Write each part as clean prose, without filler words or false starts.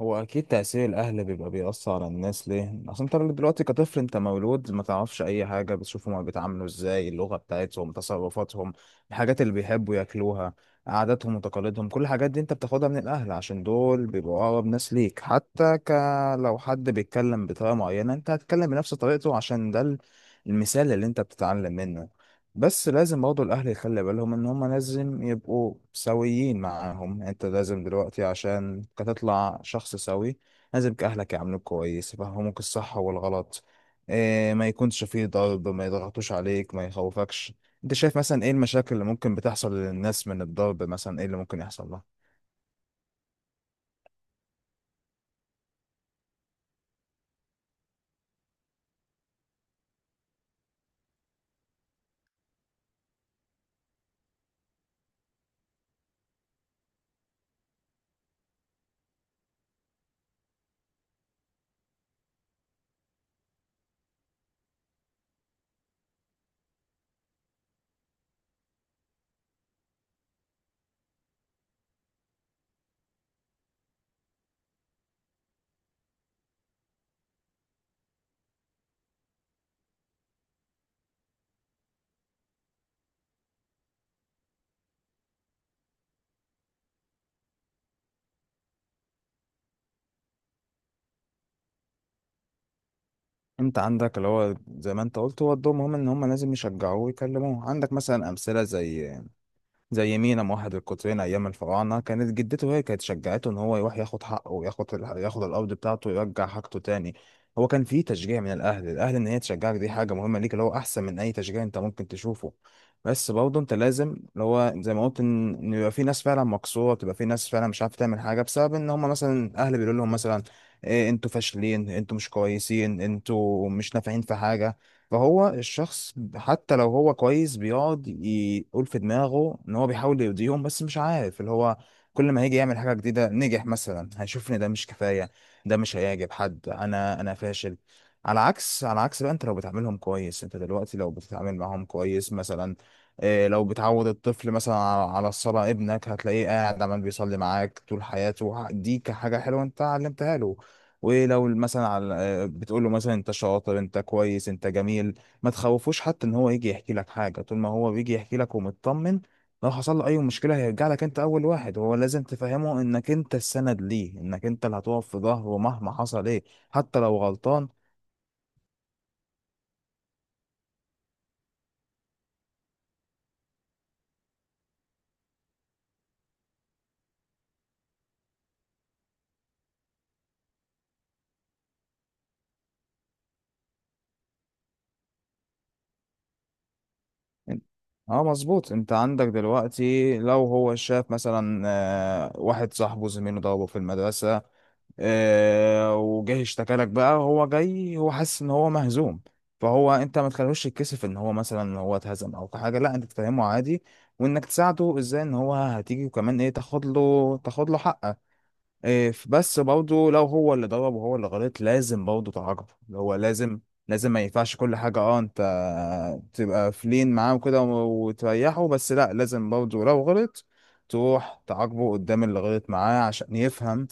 هو اكيد تأثير الاهل بيبقى بيأثر على الناس، ليه؟ اصل انت دلوقتي كطفل، انت مولود ما تعرفش اي حاجة، بتشوفهم هما بيتعاملوا ازاي، اللغة بتاعتهم، تصرفاتهم، الحاجات اللي بيحبوا ياكلوها، عاداتهم وتقاليدهم. كل الحاجات دي انت بتاخدها من الاهل عشان دول بيبقوا اقرب ناس ليك. حتى لو حد بيتكلم بطريقة معينة انت هتتكلم بنفس طريقته، عشان ده المثال اللي انت بتتعلم منه. بس لازم برضه الأهل يخلي بالهم إن هما لازم يبقوا سويين معاهم، يعني أنت لازم دلوقتي عشان تطلع شخص سوي، لازم أهلك يعاملوك كويس، يفهموك الصح والغلط، إيه، ما يكونش فيه ضرب، ما يضغطوش عليك، ما يخوفكش. أنت شايف مثلا إيه المشاكل اللي ممكن بتحصل للناس من الضرب؟ مثلا إيه اللي ممكن يحصل لها؟ أنت عندك اللي هو زي ما أنت قلت، هو الدور مهم إن هما لازم يشجعوه ويكلموه. عندك مثلا أمثلة زي مينا موحد القطرين ايام الفراعنه، كانت جدته هي كانت شجعته ان هو يروح ياخد حقه وياخد ياخد الارض بتاعته ويرجع حاجته تاني. هو كان في تشجيع من الاهل ان هي تشجعك، دي حاجه مهمه ليك، اللي هو احسن من اي تشجيع انت ممكن تشوفه. بس برضه انت لازم، اللي هو زي ما قلت، ان يبقى في ناس فعلا مكسوره، بتبقى في ناس فعلا مش عارفه تعمل حاجه بسبب ان هم مثلا الاهل بيقولوا لهم، مثلا إيه، انتوا فاشلين، انتوا مش كويسين، انتوا مش نافعين في حاجه. فهو الشخص حتى لو هو كويس بيقعد يقول في دماغه ان هو بيحاول يرضيهم، بس مش عارف، اللي هو كل ما هيجي يعمل حاجة جديدة نجح مثلا هيشوف ان ده مش كفاية، ده مش هيعجب حد، انا فاشل. على عكس بقى، انت لو بتعاملهم كويس، انت دلوقتي لو بتتعامل معاهم كويس مثلا، إيه، لو بتعود الطفل مثلا على الصلاة، ابنك هتلاقيه قاعد عمال بيصلي معاك طول حياته دي كحاجة حلوة انت علمتها له. ولو مثلا على، بتقول له مثلا انت شاطر، انت كويس، انت جميل، ما تخوفوش حتى ان هو يجي يحكي لك حاجه. طول ما هو بيجي يحكي لك ومطمن، لو حصل له اي مشكله هيرجع لك انت اول واحد. هو لازم تفهمه انك انت السند ليه، انك انت اللي هتقف في ظهره مهما حصل، ايه، حتى لو غلطان. اه مظبوط. انت عندك دلوقتي لو هو شاف مثلا واحد صاحبه زميله ضربه في المدرسة، وجاي اشتكى لك، بقى هو جاي هو حاسس ان هو مهزوم. فهو انت ما تخلوش يتكسف ان هو مثلا ان هو اتهزم او حاجه، لا انت تفهمه عادي، وانك تساعده ازاي ان هو هتيجي، وكمان ايه، تاخد له حقه. إيه، بس برضه لو هو اللي ضرب وهو اللي غلط لازم برضه تعاقبه. اللي هو لازم، لازم ما ينفعش كل حاجه اه انت تبقى فلين معاه وكده، وتريحه، بس لا لازم برضه لو غلط تروح تعاقبه قدام اللي غلط معاه عشان يفهم.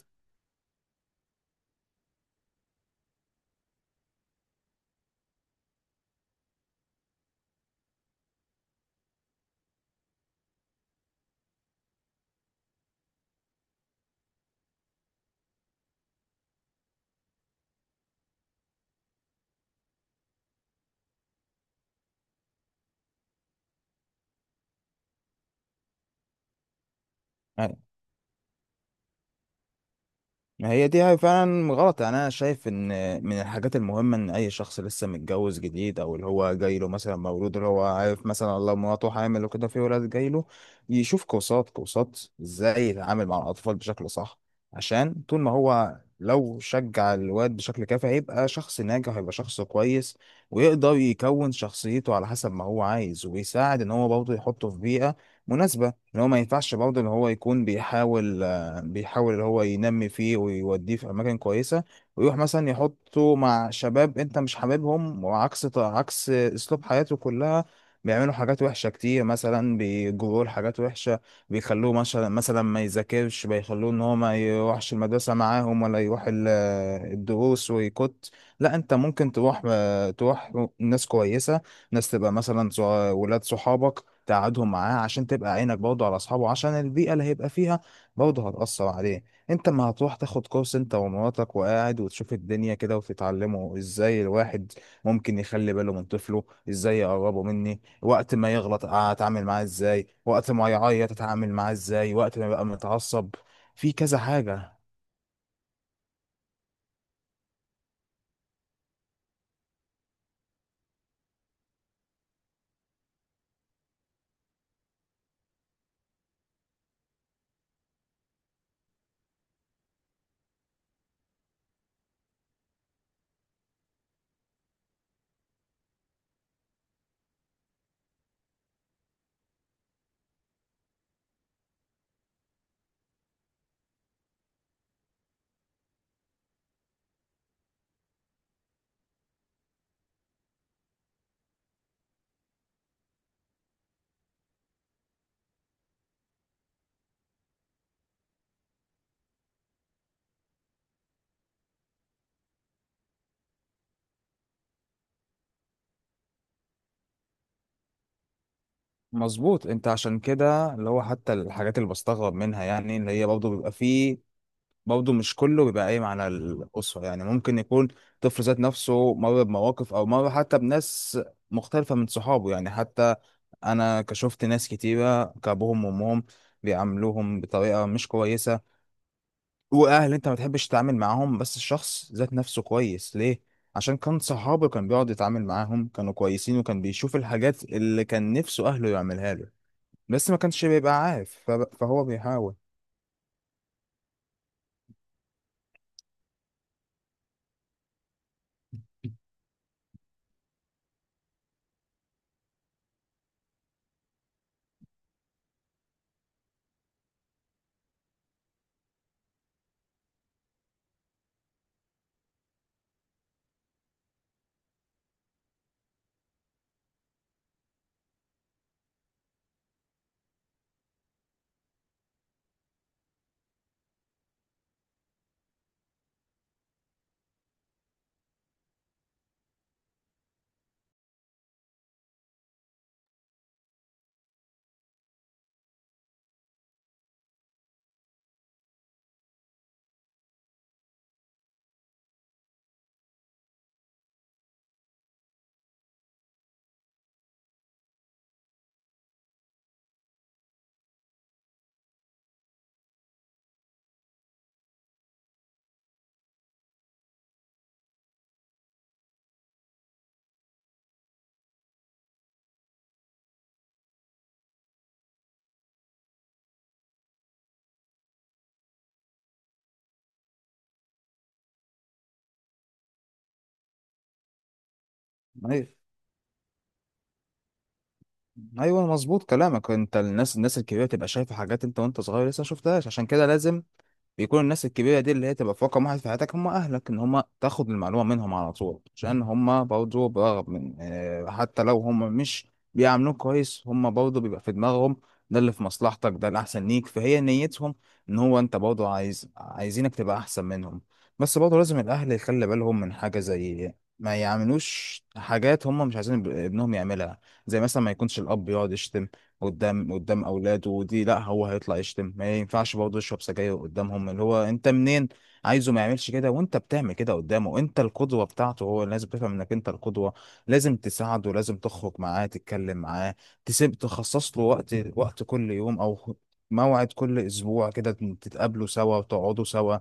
ما هي دي فعلا غلط، يعني انا شايف ان من الحاجات المهمه ان اي شخص لسه متجوز جديد او اللي هو جاي له مثلا مولود، اللي هو عارف مثلا الله مراته حامل وكده، في ولاد جاي له، يشوف كورسات ازاي يتعامل مع الاطفال بشكل صح. عشان طول ما هو لو شجع الواد بشكل كافي هيبقى شخص ناجح، هيبقى شخص كويس ويقدر يكون شخصيته على حسب ما هو عايز، ويساعد ان هو برضه يحطه في بيئه مناسبه. ان هو ما ينفعش برضه ان هو يكون بيحاول اللي هو ينمي فيه ويوديه في اماكن كويسه، ويروح مثلا يحطه مع شباب انت مش حاببهم، وعكس اسلوب حياته كلها، بيعملوا حاجات وحشه كتير، مثلا بيجروه لحاجات وحشه، بيخلوه مثلا ما يذاكرش، بيخلوه ان هو ما يروحش المدرسه معاهم، ولا يروح الدروس، ويكت، لا انت ممكن تروح تروح ناس كويسه، ناس تبقى مثلا ولاد صحابك تقعدهم معاه عشان تبقى عينك برضه على اصحابه، عشان البيئه اللي هيبقى فيها برضه هتأثر عليه. انت ما هتروح تاخد كورس انت ومراتك وقاعد وتشوف الدنيا كده وتتعلموا ازاي الواحد ممكن يخلي باله من طفله، ازاي يقربه مني، وقت ما يغلط اتعامل معاه ازاي، وقت ما يعيط اتعامل معاه ازاي، وقت ما يبقى متعصب، في كذا حاجة. مظبوط. انت عشان كده، اللي هو حتى الحاجات اللي بستغرب منها، يعني اللي هي برضه بيبقى فيه، برضه مش كله بيبقى قايم على الأسرة يعني، ممكن يكون طفل ذات نفسه مر بمواقف أو مر حتى بناس مختلفة من صحابه. يعني حتى أنا كشفت ناس كتيرة كأبوهم وأمهم بيعاملوهم بطريقة مش كويسة، وأهل أنت ما تحبش تتعامل معاهم، بس الشخص ذات نفسه كويس. ليه؟ عشان كان صحابه كان بيقعد يتعامل معاهم كانوا كويسين، وكان بيشوف الحاجات اللي كان نفسه أهله يعملها له، بس ما كانش بيبقى عارف، فهو بيحاول. أيوة. ايوه مظبوط كلامك. انت الناس الكبيره تبقى شايفه حاجات انت وانت صغير لسه ما شفتهاش، عشان كده لازم بيكون الناس الكبيرة دي اللي هي تبقى في رقم واحد في حياتك هم أهلك، إن هم تاخد المعلومة منهم على طول، عشان هم برضه برغم من، حتى لو هم مش بيعاملوك كويس، هم برضه بيبقى في دماغهم ده اللي في مصلحتك، ده الأحسن ليك، فهي نيتهم إن هو أنت برضه عايز، عايزينك تبقى أحسن منهم. بس برضه لازم الأهل يخلي بالهم من حاجة، زي ما يعملوش حاجات هم مش عايزين ابنهم يعملها، زي مثلا ما يكونش الأب يقعد يشتم قدام اولاده، ودي لا هو هيطلع يشتم. ما ينفعش برضه يشرب سجاير قدامهم، اللي هو انت منين عايزه ما يعملش كده وانت بتعمل كده قدامه. انت القدوه بتاعته، هو لازم تفهم انك انت القدوه، لازم تساعده، لازم تخرج معاه، تتكلم معاه، تسيب تخصص له وقت، كل يوم او موعد كل اسبوع كده، تتقابلوا سوا وتقعدوا سوا.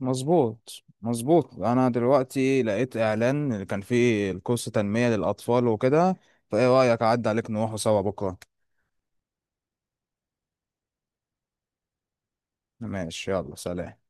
مظبوط. انا دلوقتي لقيت اعلان كان فيه الكورس تنمية للاطفال وكده، فايه رايك اعدي عليك نروحوا سوا بكره؟ ماشي، يلا سلام.